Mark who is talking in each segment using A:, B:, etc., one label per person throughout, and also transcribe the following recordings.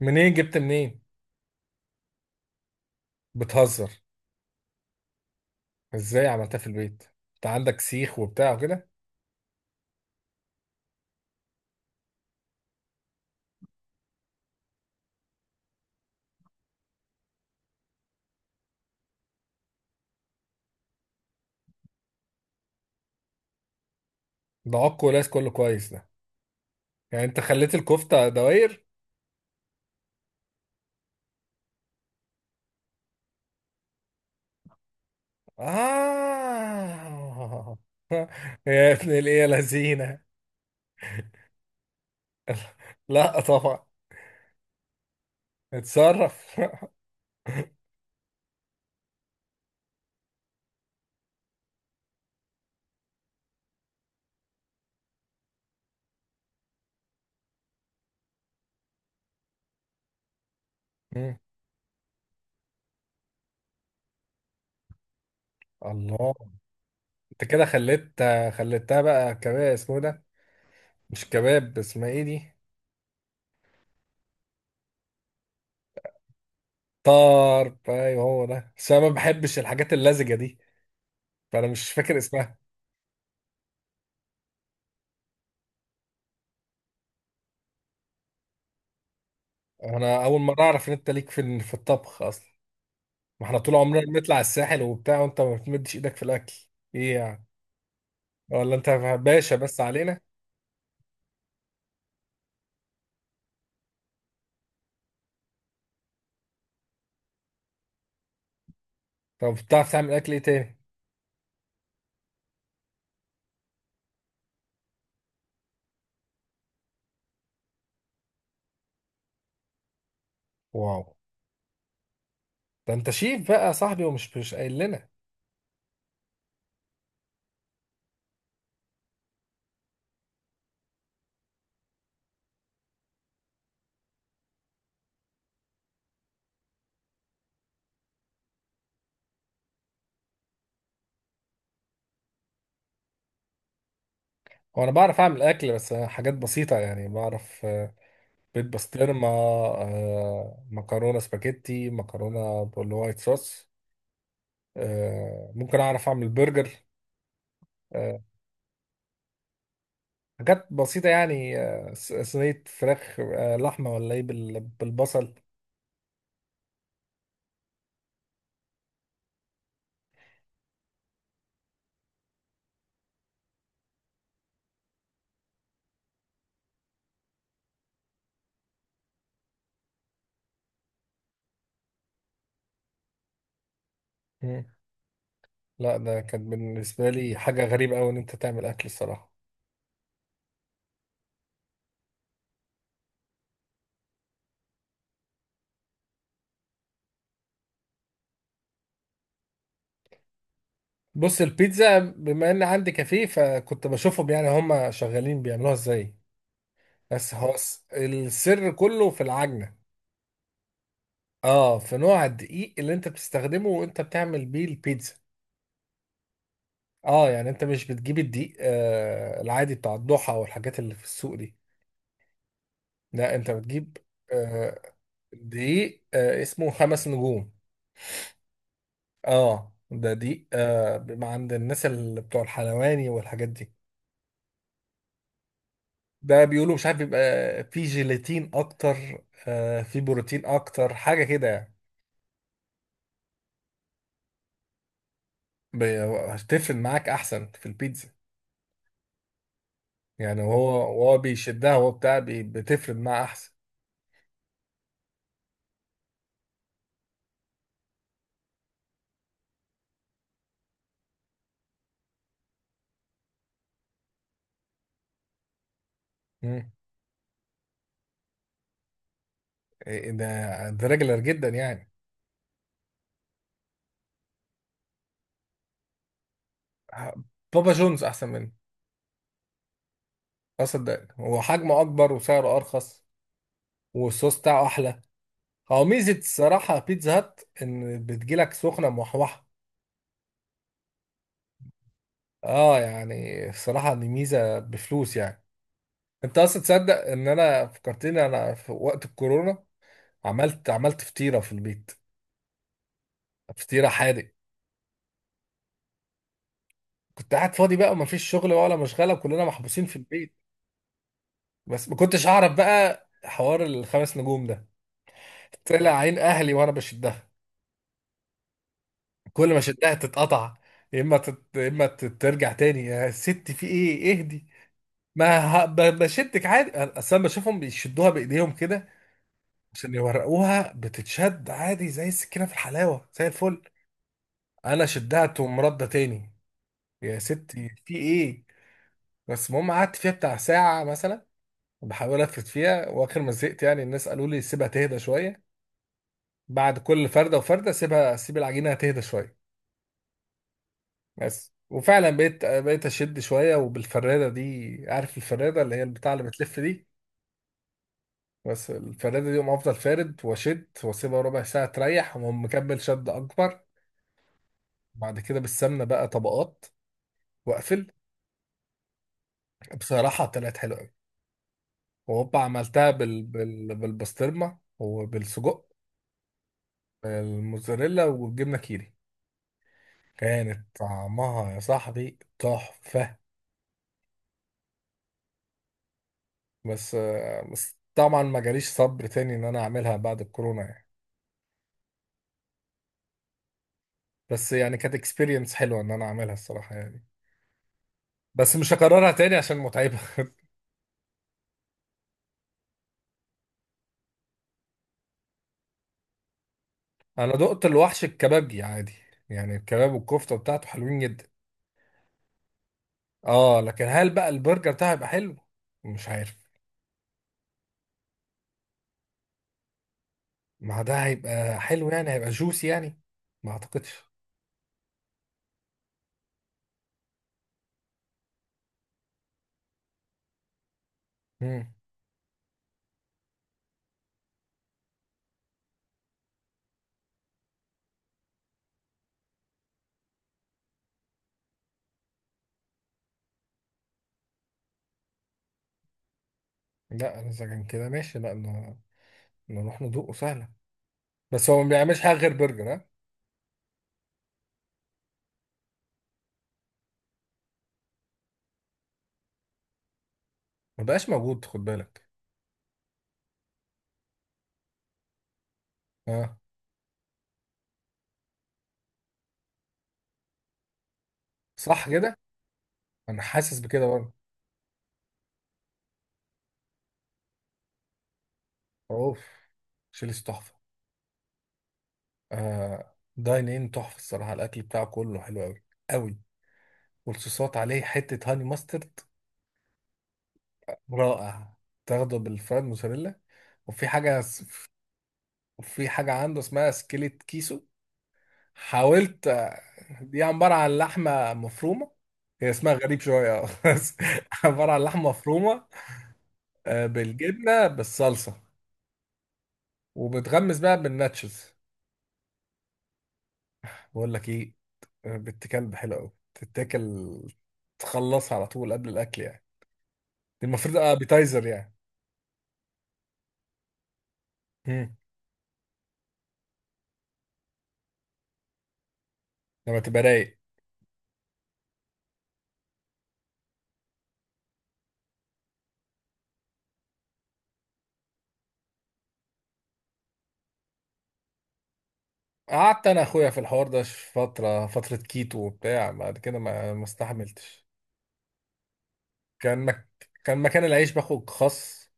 A: منين جبت منين؟ بتهزر؟ ازاي عملتها في البيت؟ انت عندك سيخ وبتاع وكده. ده عكو ولاس كله كويس ده. يعني انت خليت الكفتة دوائر؟ آه. يا ابن الايه لذينة. لا طبعا. اتصرف. مم. الله. انت كده خليتها بقى كباب، اسمه إيه ده؟ مش كباب، اسمها ايه دي؟ طرب، ايوه هو ده، بس انا ما بحبش الحاجات اللزجة دي، فانا مش فاكر اسمها. انا اول مره اعرف ان انت ليك في الطبخ اصلا. ما احنا طول عمرنا بنطلع الساحل وبتاع، وانت ما بتمدش ايدك في الاكل. ايه يعني؟ ولا انت باشا بس علينا. طب بتعرف تعمل اكل ايه تاني؟ واو، ده انت شيف بقى يا صاحبي، ومش مش قايل لنا. هو انا بعرف اعمل اكل، بس حاجات بسيطه يعني، بعرف بيض بسطرمه، مكرونه سباجيتي، مكرونه بالوايت صوص، ممكن اعرف اعمل برجر، آه، حاجات بسيطة يعني، صينية فراخ، لحمة ولا ايه بالبصل. مم. لا، ده كانت بالنسبة لي حاجة غريبة أوي إن أنت تعمل أكل الصراحة. بص، البيتزا بما إن عندي كافيه فكنت بشوفهم يعني هما شغالين بيعملوها إزاي. بس هو السر كله في العجنة، اه، في نوع الدقيق اللي أنت بتستخدمه وأنت بتعمل بيه البيتزا. اه يعني أنت مش بتجيب الدقيق العادي بتاع الضحى والحاجات اللي في السوق دي. لا أنت بتجيب، آه، دي، آه، اسمه خمس نجوم. اه ده دي، بيبقى عند الناس اللي بتوع الحلواني والحاجات دي. ده بيقولوا مش عارف بيبقى فيه جيلاتين اكتر، فيه بروتين اكتر، حاجه كده يعني. بي- هتفرد معاك احسن في البيتزا، يعني، وهو، وهو بيشدها، وهو بتاع، بتفرد معاه احسن. مم. إيه، إيه، ده ده ريجلر جدا يعني. ه- بابا جونز احسن منه. اصدق، هو حجمه اكبر وسعره ارخص والصوص بتاعه احلى. هو ميزة الصراحة بيتزا هات إن بتجيلك سخنة موحوحة. اه يعني الصراحة دي ميزة بفلوس يعني. انت اصلا تصدق ان انا فكرتني انا في وقت الكورونا عملت فطيرة في البيت؟ فطيرة حادق. كنت قاعد فاضي بقى ومفيش شغل ولا مشغلة وكلنا محبوسين في البيت. بس ما كنتش اعرف بقى حوار الخمس نجوم ده. طلع عين اهلي وانا بشدها، كل ما شدها تتقطع. ترجع تاني، يا ست في ايه، اهدي. ما ه- ب- بشدك عادي، اصل انا بشوفهم بيشدوها بايديهم كده، عشان يورقوها بتتشد عادي زي السكينه في الحلاوه زي الفل. انا شدها تقوم رده تاني. يا ستي في ايه. بس المهم قعدت فيها بتاع ساعه مثلا، بحاول الفت فيها، واخر ما زهقت يعني الناس قالوا لي سيبها تهدى شويه. بعد كل فرده وفرده سيبها، سيب العجينه تهدى شويه. بس وفعلا بقيت اشد شويه وبالفراده دي، عارف الفراده اللي هي البتاع اللي بتلف دي. بس الفرادة دي يقوم أفضل فارد وأشد وأسيبها ربع ساعة تريح وأقوم مكمل شد أكبر. بعد كده بالسمنة بقى طبقات وأقفل. بصراحة طلعت حلوة أوي. وهوبا عملتها بالبسطرمة وبالسجق، الموزاريلا والجبنة كيري. كانت طعمها يا صاحبي تحفة. بس، بس طبعا ما جاليش صبر تاني إن أنا أعملها بعد الكورونا يعني. بس يعني كانت اكسبيرينس حلوة إن أنا أعملها الصراحة يعني. بس مش هكررها تاني عشان متعبة. انا دقت الوحش الكبابجي عادي، يعني الكباب والكفته بتاعته حلوين جدا. اه لكن هل بقى البرجر بتاعه هيبقى حلو؟ مش عارف. ما ده هيبقى حلو، يعني هيبقى جوسي يعني؟ ما اعتقدش. امم. لا انا اذا كان كده ماشي، لا ن- نروح ندوقه سهله. بس هو ما بيعملش حاجه غير برجر، ها. ما بقاش موجود، خد بالك. اه. صح كده، انا حاسس بكده برضه. اوف، شيلس تحفه. داين ان تحفه الصراحه، الاكل بتاعه كله حلو قوي قوي، والصوصات عليه حته هاني ماسترد، رائع. تاخده بالفرايد موزاريلا، وفي حاجة وفي حاجة عنده اسمها سكيلت كيسو، حاولت. دي عبارة عن لحمة مفرومة، هي اسمها غريب شوية، بس عبارة عن لحمة مفرومة بالجبنة بالصلصة، وبتغمس بقى بالناتشز. بقول لك ايه، بنت كلب حلوة أوي تتاكل، تخلصها على طول قبل الأكل يعني، دي المفروض ابيتايزر يعني. مم. لما تبقى رايق. قعدت انا اخويا في الحوار ده فتره فتره كيتو وبتاع، بعد كده ما استحملتش. كان مك... كان مكان العيش باخد خس،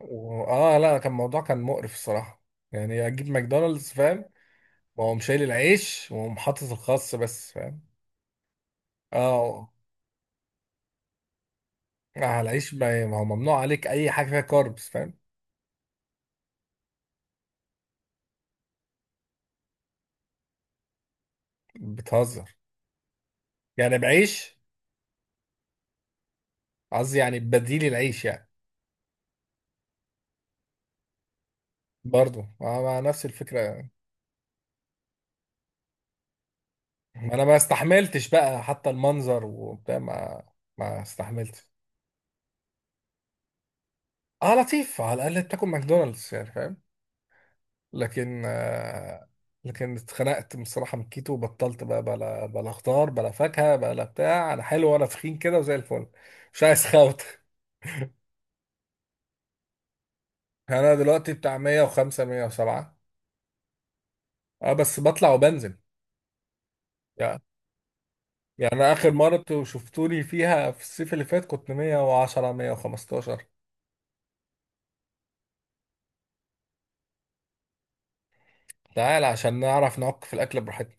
A: و... اه لا، كان الموضوع كان مقرف الصراحه، يعني اجيب ماكدونالدز فاهم، واقوم شايل العيش واقوم حاطط الخس بس فاهم. اه. العيش، ما هو ممنوع عليك اي حاجه فيها كاربس فاهم. بتهزر؟ يعني بعيش؟ قصدي يعني بديل العيش يعني. برضه مع نفس الفكره. انا ما استحملتش بقى حتى المنظر وبتاع، ما استحملتش. اه لطيف، على الاقل بتاكل ماكدونالدز يعني فاهم. لكن آه لكن اتخنقت بصراحه من الكيتو وبطلت بقى بلا بلا خضار بلا فاكهه بلا بتاع، انا حلو وانا تخين كده وزي الفل. مش عايز خوت. يعني انا دلوقتي بتاع 105 107. اه بس بطلع وبنزل يعني، يعني انا اخر مره انتوا شفتوني فيها في الصيف اللي فات كنت 110 115. تعال عشان نعرف نعك في الاكل براحتنا.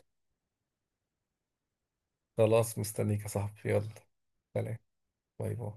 A: خلاص مستنيك يا صاحبي، يلا. سلام. باي باي.